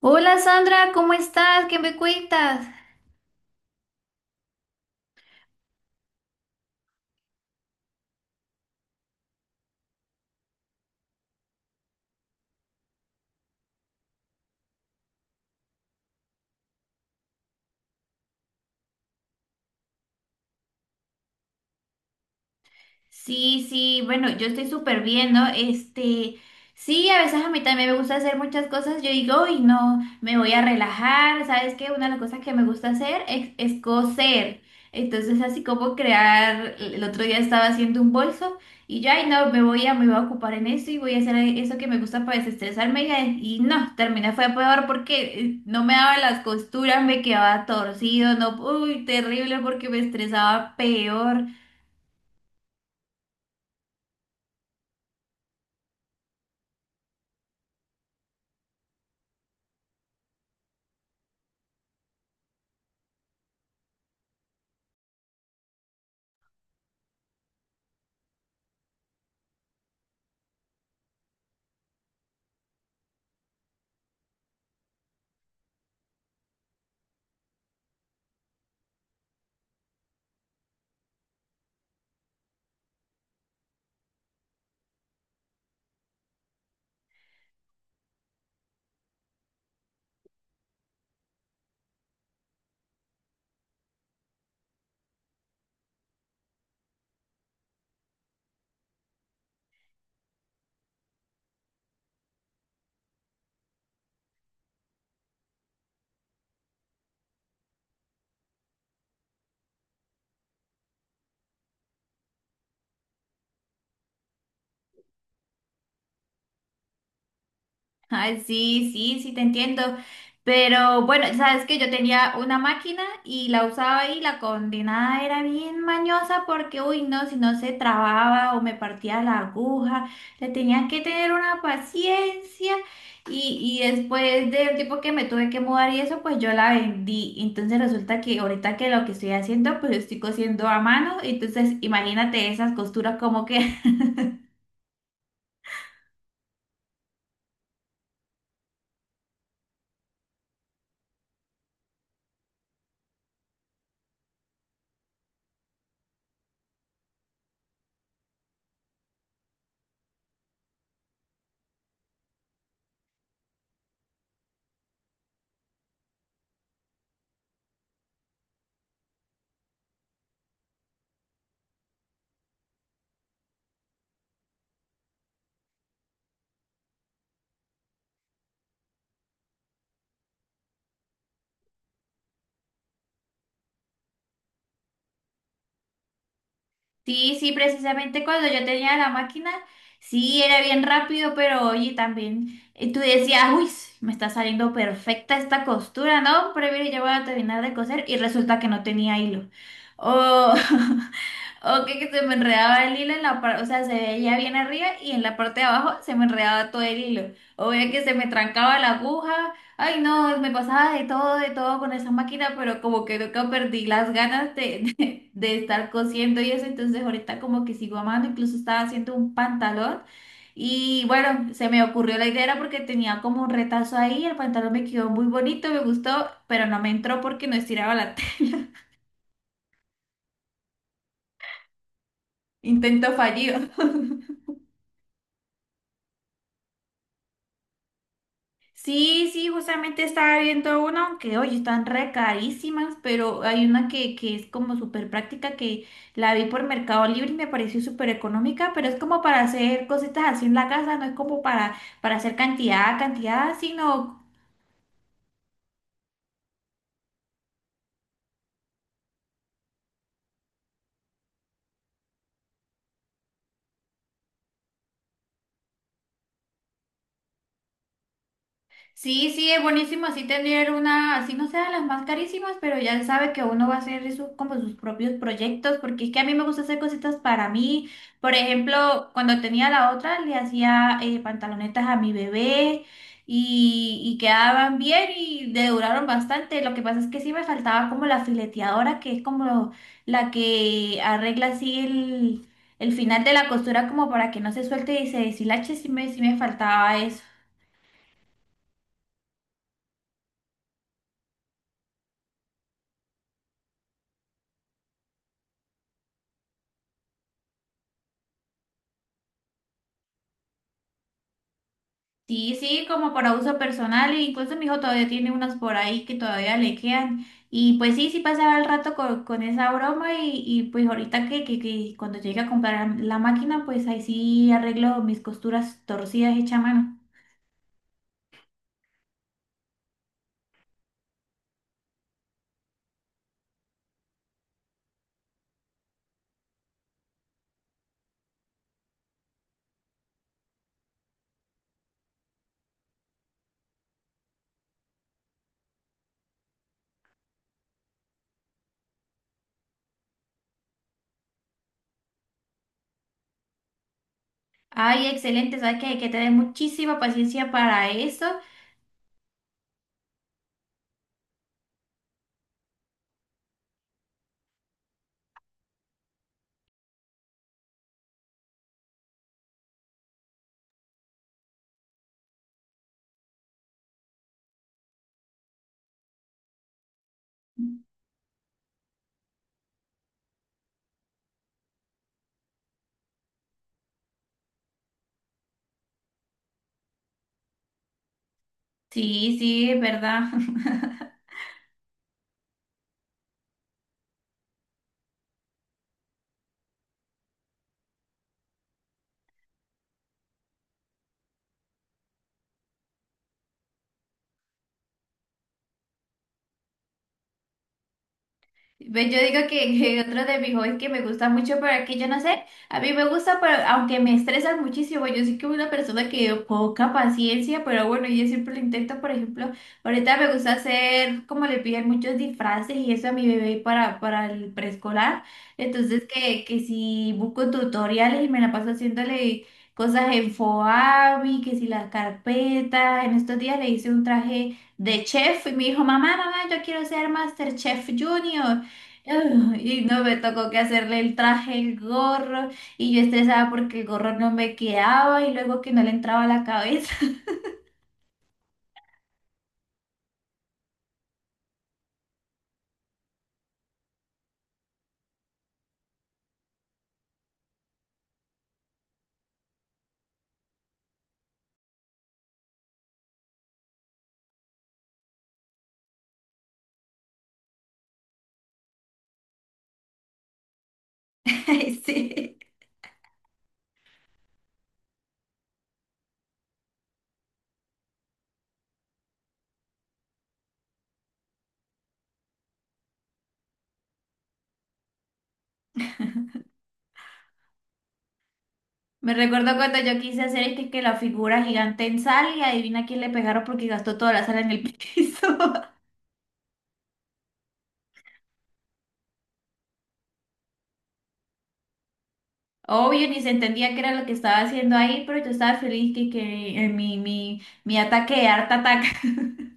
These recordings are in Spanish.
Hola Sandra, ¿cómo estás? ¿Qué me cuentas? Sí, sí, bueno, yo estoy súper bien, ¿no? Este, sí, a veces a mí también me gusta hacer muchas cosas. Yo digo, uy, no, me voy a relajar. ¿Sabes qué? Una de las cosas que me gusta hacer es coser. Entonces, así como crear, el otro día estaba haciendo un bolso y yo, ay, no, me voy a ocupar en eso y voy a hacer eso que me gusta para desestresarme. Y no, terminé fue peor porque no me daba las costuras, me quedaba torcido, no, uy, terrible porque me estresaba peor. Ay, sí, sí, sí, te entiendo. Pero bueno, sabes que yo tenía una máquina y la usaba y la condenada era bien mañosa porque, uy, no, si no se trababa o me partía la aguja, le tenía que tener una paciencia. Y después del tiempo que me tuve que mudar y eso, pues yo la vendí. Entonces resulta que ahorita que lo que estoy haciendo, pues estoy cosiendo a mano. Entonces imagínate esas costuras como que. Sí, sí, precisamente cuando yo tenía la máquina, sí, era bien rápido, pero oye, también tú decías, uy, me está saliendo perfecta esta costura, ¿no? Pero mire, yo voy a terminar de coser y resulta que no tenía hilo. Oh, o que se me enredaba el hilo en la parte, o sea, se veía bien arriba y en la parte de abajo se me enredaba todo el hilo. O veía que se me trancaba la aguja. Ay, no, me pasaba de todo con esa máquina, pero como que nunca perdí las ganas de estar cosiendo y eso. Entonces ahorita como que sigo amando, incluso estaba haciendo un pantalón. Y bueno, se me ocurrió la idea era porque tenía como un retazo ahí, el pantalón me quedó muy bonito, me gustó, pero no me entró porque no estiraba la tela. Intento fallido. Sí, sí, justamente estaba viendo una, que oye están re carísimas, pero hay una que es como súper práctica, que la vi por Mercado Libre y me pareció súper económica, pero es como para hacer cositas así en la casa, no es como para hacer cantidad, cantidad, sino. Sí, sí, es buenísimo así tener una, así no sean las más carísimas, pero ya sabe que uno va a hacer sus, como sus propios proyectos, porque es que a mí me gusta hacer cositas para mí. Por ejemplo, cuando tenía la otra, le hacía pantalonetas a mi bebé y quedaban bien y le duraron bastante. Lo que pasa es que sí me faltaba como la fileteadora, que es como la que arregla así el final de la costura como para que no se suelte y se deshilache, sí me faltaba eso. Sí, sí, como para uso personal, e incluso mi hijo todavía tiene unas por ahí que todavía le quedan. Y pues sí, sí pasaba el rato con esa broma y pues ahorita que cuando llegue a comprar la máquina, pues ahí sí arreglo mis costuras torcidas hecha a mano. Ay, excelente, sabes que hay que tener muchísima paciencia para eso. Sí, sí, es verdad. Ve, yo digo que, que otro de mis hobbies que me gusta mucho, pero que yo no sé, a mí me gusta, pero aunque me estresa muchísimo, yo sí que soy una persona que poca paciencia, pero bueno, yo siempre lo intento, por ejemplo, ahorita me gusta hacer, como le piden muchos disfraces y eso a mi bebé para el preescolar, entonces que si busco tutoriales y me la paso haciéndole cosas en Foabi, que si las carpetas, en estos días le hice un traje de chef y me dijo, mamá, mamá, yo quiero ser Master Chef Junior. Y no me tocó que hacerle el traje, el gorro, y yo estresada porque el gorro no me quedaba y luego que no le entraba a la cabeza. Ay, sí. Me recuerdo cuando yo quise hacer es que la figura gigante en sal y adivina quién le pegaron porque gastó toda la sal en el piso. Obvio, ni se entendía qué era lo que estaba haciendo ahí, pero yo estaba feliz que mi ataque de harta ataque.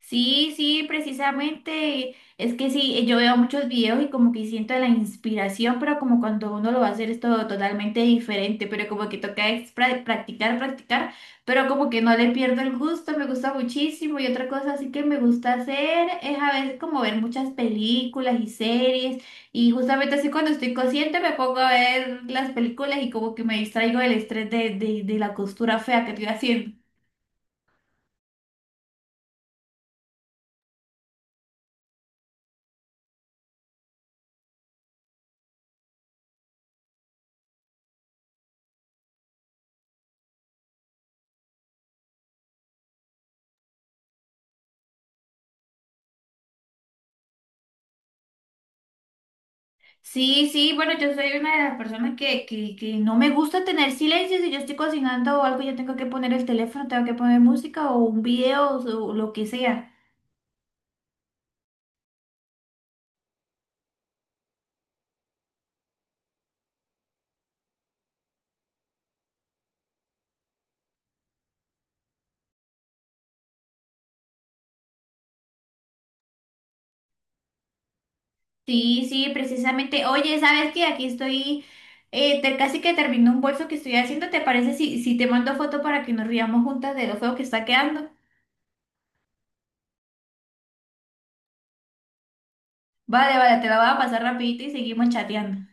Sí, sí, precisamente. Es que sí, yo veo muchos videos y como que siento la inspiración, pero como cuando uno lo va a hacer es todo totalmente diferente, pero como que toca es practicar, practicar, pero como que no le pierdo el gusto, me gusta muchísimo. Y otra cosa así que me gusta hacer es a veces como ver muchas películas y series. Y justamente así cuando estoy consciente me pongo a ver las películas y como que me distraigo del estrés de la costura fea que estoy haciendo. Sí, sí, bueno, yo soy una de las personas que no me gusta tener silencio. Si yo estoy cocinando o algo, yo tengo que poner el teléfono, tengo que poner música o un video o lo que sea. Sí, sí, precisamente. Oye, ¿sabes qué? Aquí estoy, casi que termino un bolso que estoy haciendo. ¿Te parece si te mando foto para que nos riamos juntas de lo feo que está quedando? Vale, vale, te la voy a pasar rapidito y seguimos chateando.